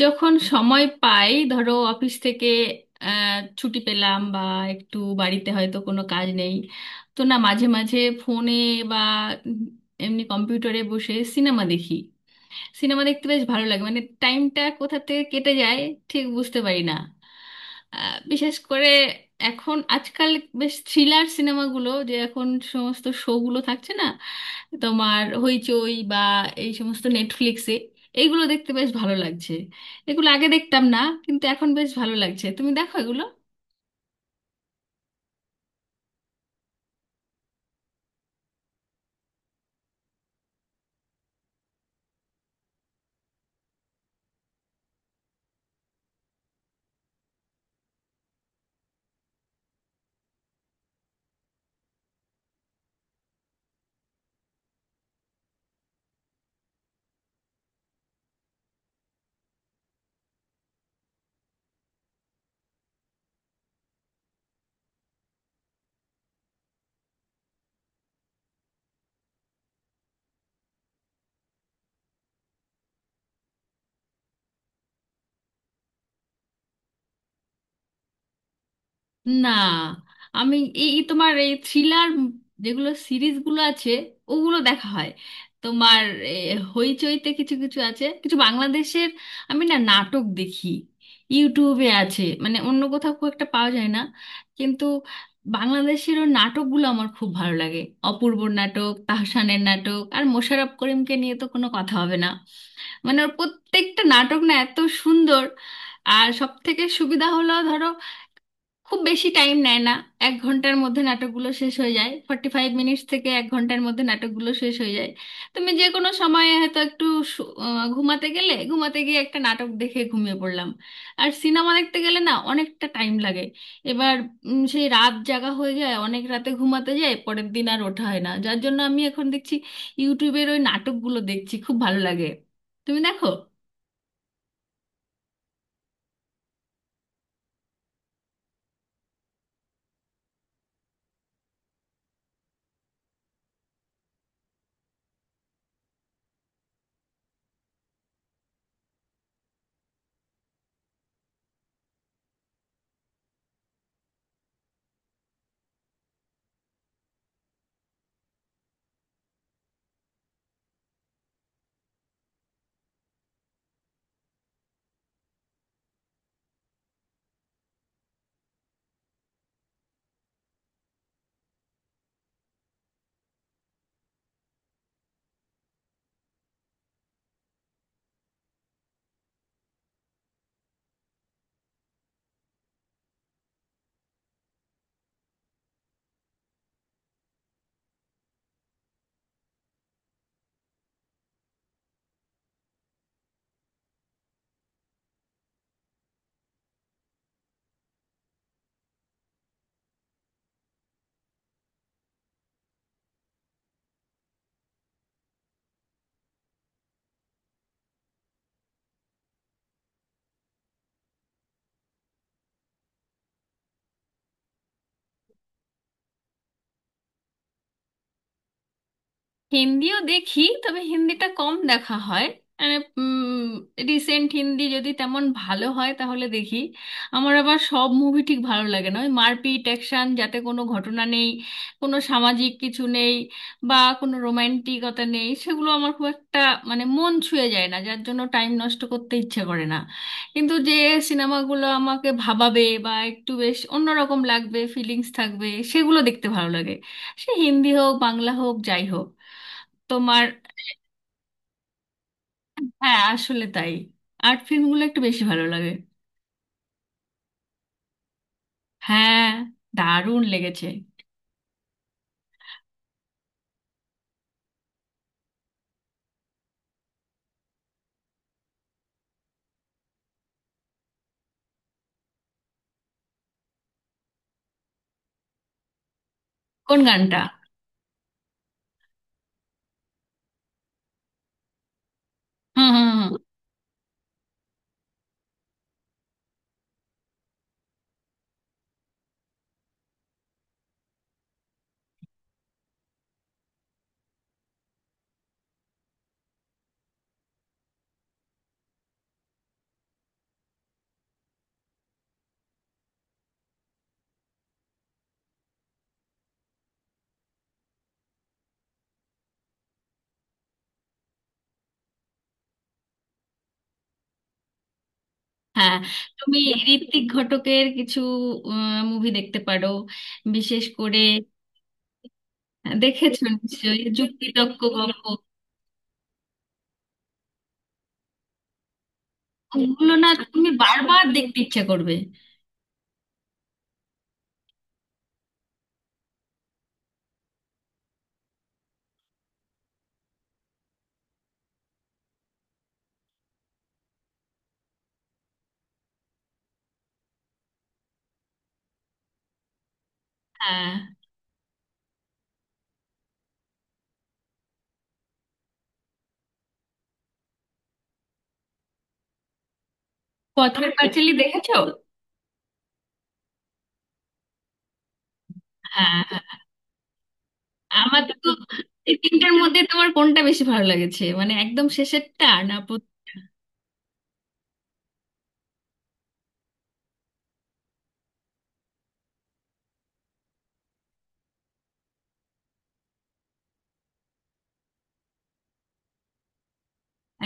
যখন সময় পাই ধরো অফিস থেকে ছুটি পেলাম বা একটু বাড়িতে হয়তো কোনো কাজ নেই। তো না মাঝে মাঝে ফোনে বা এমনি কম্পিউটারে বসে সিনেমা দেখি। সিনেমা দেখতে বেশ ভালো লাগে, মানে টাইমটা কোথা থেকে কেটে যায় ঠিক বুঝতে পারি না। বিশেষ করে এখন আজকাল বেশ থ্রিলার সিনেমাগুলো যে এখন সমস্ত শোগুলো থাকছে না, তোমার হইচই বা এই সমস্ত নেটফ্লিক্সে, এইগুলো দেখতে বেশ ভালো লাগছে। এগুলো আগে দেখতাম না, কিন্তু এখন বেশ ভালো লাগছে। তুমি দেখো এগুলো। না, আমি এই এই তোমার এই থ্রিলার যেগুলো সিরিজগুলো আছে ওগুলো দেখা হয়। তোমার এ, হইচইতে কিছু কিছু আছে, কিছু বাংলাদেশের। আমি না নাটক দেখি, ইউটিউবে আছে, মানে অন্য কোথাও খুব একটা পাওয়া যায় না। কিন্তু বাংলাদেশের ওর নাটকগুলো আমার খুব ভালো লাগে। অপূর্বর নাটক, তাহসানের নাটক, আর মোশাররফ করিমকে নিয়ে তো কোনো কথা হবে না। মানে ওর প্রত্যেকটা নাটক না এত সুন্দর। আর সব থেকে সুবিধা হলো ধরো খুব বেশি টাইম নেয় না। 1 ঘন্টার মধ্যে নাটকগুলো শেষ হয়ে যায়, 45 মিনিটস থেকে 1 ঘন্টার মধ্যে নাটকগুলো শেষ হয়ে যায়। তুমি যে কোনো সময় হয়তো একটু ঘুমাতে গেলে ঘুমাতে গিয়ে একটা নাটক দেখে ঘুমিয়ে পড়লাম। আর সিনেমা দেখতে গেলে না অনেকটা টাইম লাগে। এবার সেই রাত জাগা হয়ে যায়, অনেক রাতে ঘুমাতে যায়, পরের দিন আর ওঠা হয় না, যার জন্য আমি এখন দেখছি ইউটিউবের ওই নাটকগুলো দেখছি, খুব ভালো লাগে। তুমি দেখো। হিন্দিও দেখি, তবে হিন্দিটা কম দেখা হয়। রিসেন্ট হিন্দি যদি তেমন ভালো হয় তাহলে দেখি। আমার আবার সব মুভি ঠিক ভালো লাগে না। ওই মারপিট অ্যাকশন যাতে কোনো ঘটনা নেই, কোনো সামাজিক কিছু নেই, বা কোনো রোম্যান্টিকতা নেই, সেগুলো আমার খুব একটা মানে মন ছুঁয়ে যায় না, যার জন্য টাইম নষ্ট করতে ইচ্ছে করে না। কিন্তু যে সিনেমাগুলো আমাকে ভাবাবে বা একটু বেশ অন্যরকম লাগবে, ফিলিংস থাকবে, সেগুলো দেখতে ভালো লাগে। সে হিন্দি হোক, বাংলা হোক, যাই হোক তোমার। হ্যাঁ, আসলে তাই, আর্ট ফিল্মগুলো একটু বেশি ভালো লাগে। হ্যাঁ, দারুণ লেগেছে। কোন গানটা? হুম হুম হুম। হ্যাঁ। তুমি ঋত্বিক ঘটকের কিছু মুভি দেখতে পারো, বিশেষ করে দেখেছো নিশ্চয়ই যুক্তিতক্ক গল্প। ওগুলো না তুমি বারবার দেখতে ইচ্ছা করবে। হ্যাঁ। পথের পাঁচালী দেখেছো? হ্যাঁ হ্যাঁ। আমার তো এই তিনটার মধ্যে তোমার কোনটা বেশি ভালো লেগেছে, মানে একদম শেষেরটা না প্রথমটা?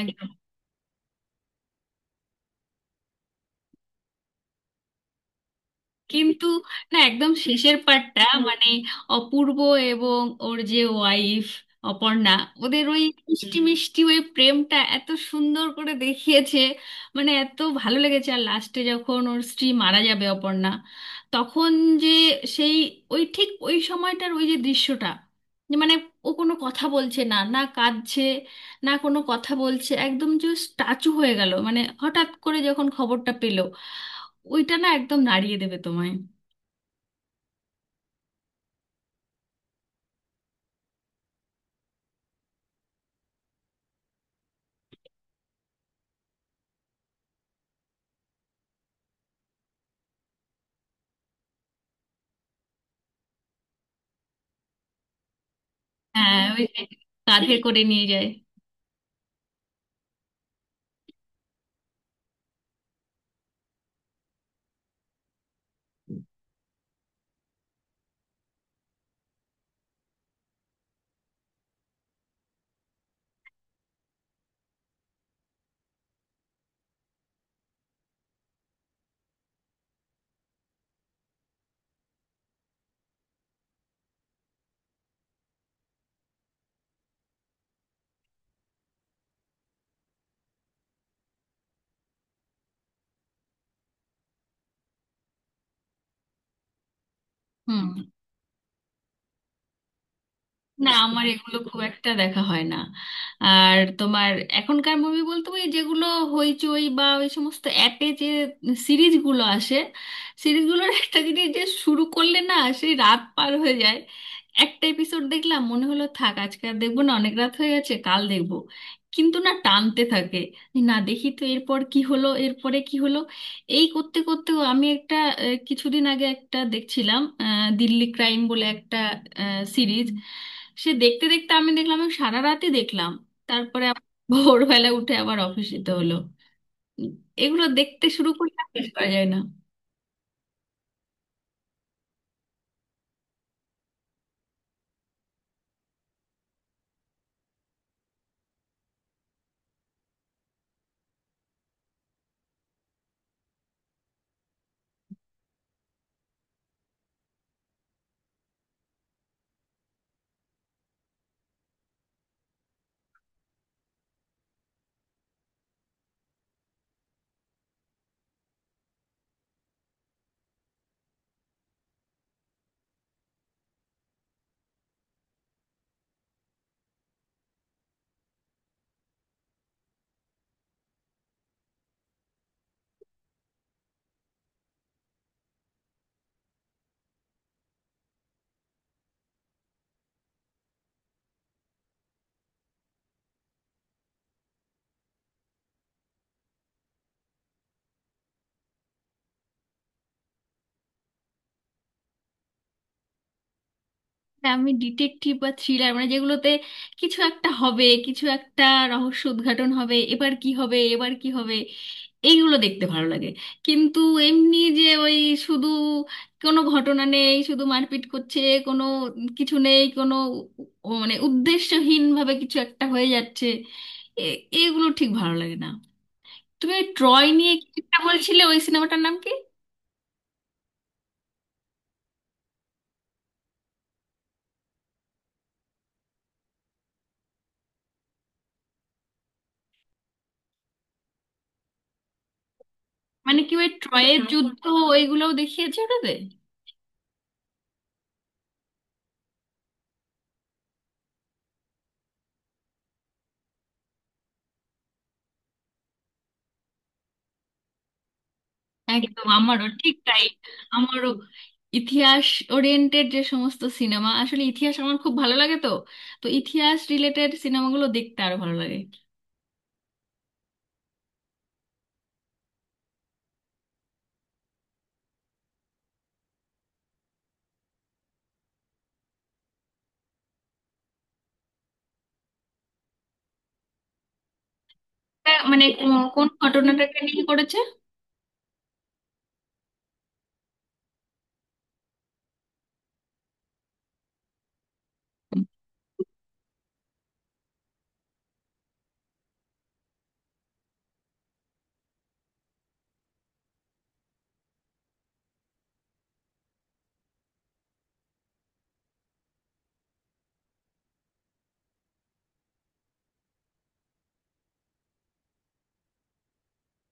একদম। কিন্তু না, একদম শেষের পার্টটা, মানে অপূর্ব এবং ওর যে ওয়াইফ অপর্ণা, ওদের ওই মিষ্টি মিষ্টি ওই প্রেমটা এত সুন্দর করে দেখিয়েছে, মানে এত ভালো লেগেছে। আর লাস্টে যখন ওর স্ত্রী মারা যাবে, অপর্ণা, তখন যে সেই ওই ঠিক ওই সময়টার ওই যে দৃশ্যটা, যে মানে ও কোনো কথা বলছে না, না কাঁদছে, না কোনো কথা বলছে, একদম যে স্ট্যাচু হয়ে গেল, মানে হঠাৎ করে যখন খবরটা পেলো, ওইটা না একদম নাড়িয়ে দেবে তোমায়। হ্যাঁ, ওই যে কাঁধে করে নিয়ে যায়। হুম। না, আমার এগুলো খুব একটা দেখা হয় না। আর তোমার এখনকার মুভি বলতে ওই যেগুলো হইচই বা ওই সমস্ত অ্যাপে যে সিরিজগুলো আসে, সিরিজগুলোর একটা জিনিস যে শুরু করলে না সেই রাত পার হয়ে যায়। একটা এপিসোড দেখলাম, মনে হলো থাক আজকে আর দেখবো না, অনেক রাত হয়ে গেছে, কাল দেখবো। কিন্তু না, টানতে থাকে, না দেখি তো এরপর কি হলো, এরপরে কি হলো। এই করতে করতেও আমি একটা কিছুদিন আগে একটা দেখছিলাম, দিল্লি ক্রাইম বলে একটা সিরিজ। সে দেখতে দেখতে আমি দেখলাম আমি সারা রাতই দেখলাম। তারপরে আবার ভোরবেলা উঠে আবার অফিস যেতে হলো। উম, এগুলো দেখতে শুরু করলে আর শেষ করা যায় না। না, আমি ডিটেকটিভ বা থ্রিলার, মানে যেগুলোতে কিছু একটা হবে, কিছু একটা রহস্য উদ্ঘাটন হবে, এবার কি হবে এবার কি হবে, এইগুলো দেখতে ভালো লাগে। কিন্তু এমনি যে ওই শুধু কোনো ঘটনা নেই, শুধু মারপিট করছে, কোনো কিছু নেই, কোনো মানে উদ্দেশ্যহীনভাবে কিছু একটা হয়ে যাচ্ছে, এগুলো ঠিক ভালো লাগে না। তুমি ওই ট্রয় নিয়ে কি একটা বলছিলে, ওই সিনেমাটার নাম কি? মানে কি ওই ট্রয়ের যুদ্ধ ওইগুলোও দেখিয়েছে ওটাতে? একদম আমারও ঠিক তাই। আমারও ইতিহাস ওরিয়েন্টেড যে সমস্ত সিনেমা, আসলে ইতিহাস আমার খুব ভালো লাগে তো, তো ইতিহাস রিলেটেড সিনেমাগুলো দেখতে আরো ভালো লাগে। তা মানে কোন ঘটনাটাকে নিয়ে করেছে?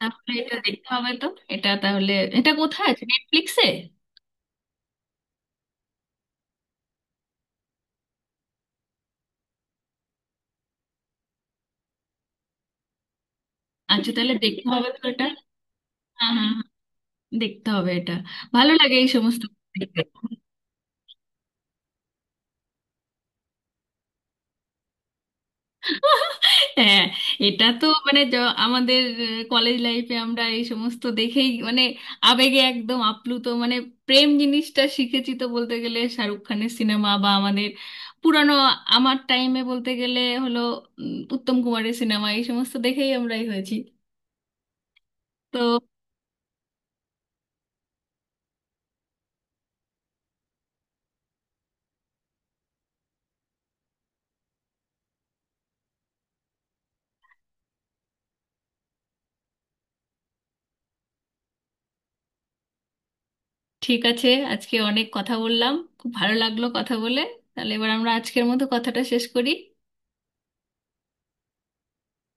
তাহলে এটা দেখতে হবে তো। এটা তাহলে এটা কোথায় আছে, নেটফ্লিক্সে? আচ্ছা, তাহলে দেখতে হবে তো এটা। হ্যাঁ হ্যাঁ হ্যাঁ, দেখতে হবে এটা। ভালো লাগে এই সমস্ত দেখতে। হ্যাঁ, এটা তো মানে আমাদের কলেজ লাইফে আমরা এই সমস্ত দেখেই মানে আবেগে একদম আপ্লুত, মানে প্রেম জিনিসটা শিখেছি তো বলতে গেলে শাহরুখ খানের সিনেমা বা আমাদের পুরানো, আমার টাইমে বলতে গেলে হলো উত্তম কুমারের সিনেমা, এই সমস্ত দেখেই আমরাই হয়েছি তো। ঠিক আছে, আজকে অনেক কথা বললাম। খুব ভালো লাগলো কথা বলে। তাহলে এবার আমরা আজকের মতো কথাটা শেষ করি।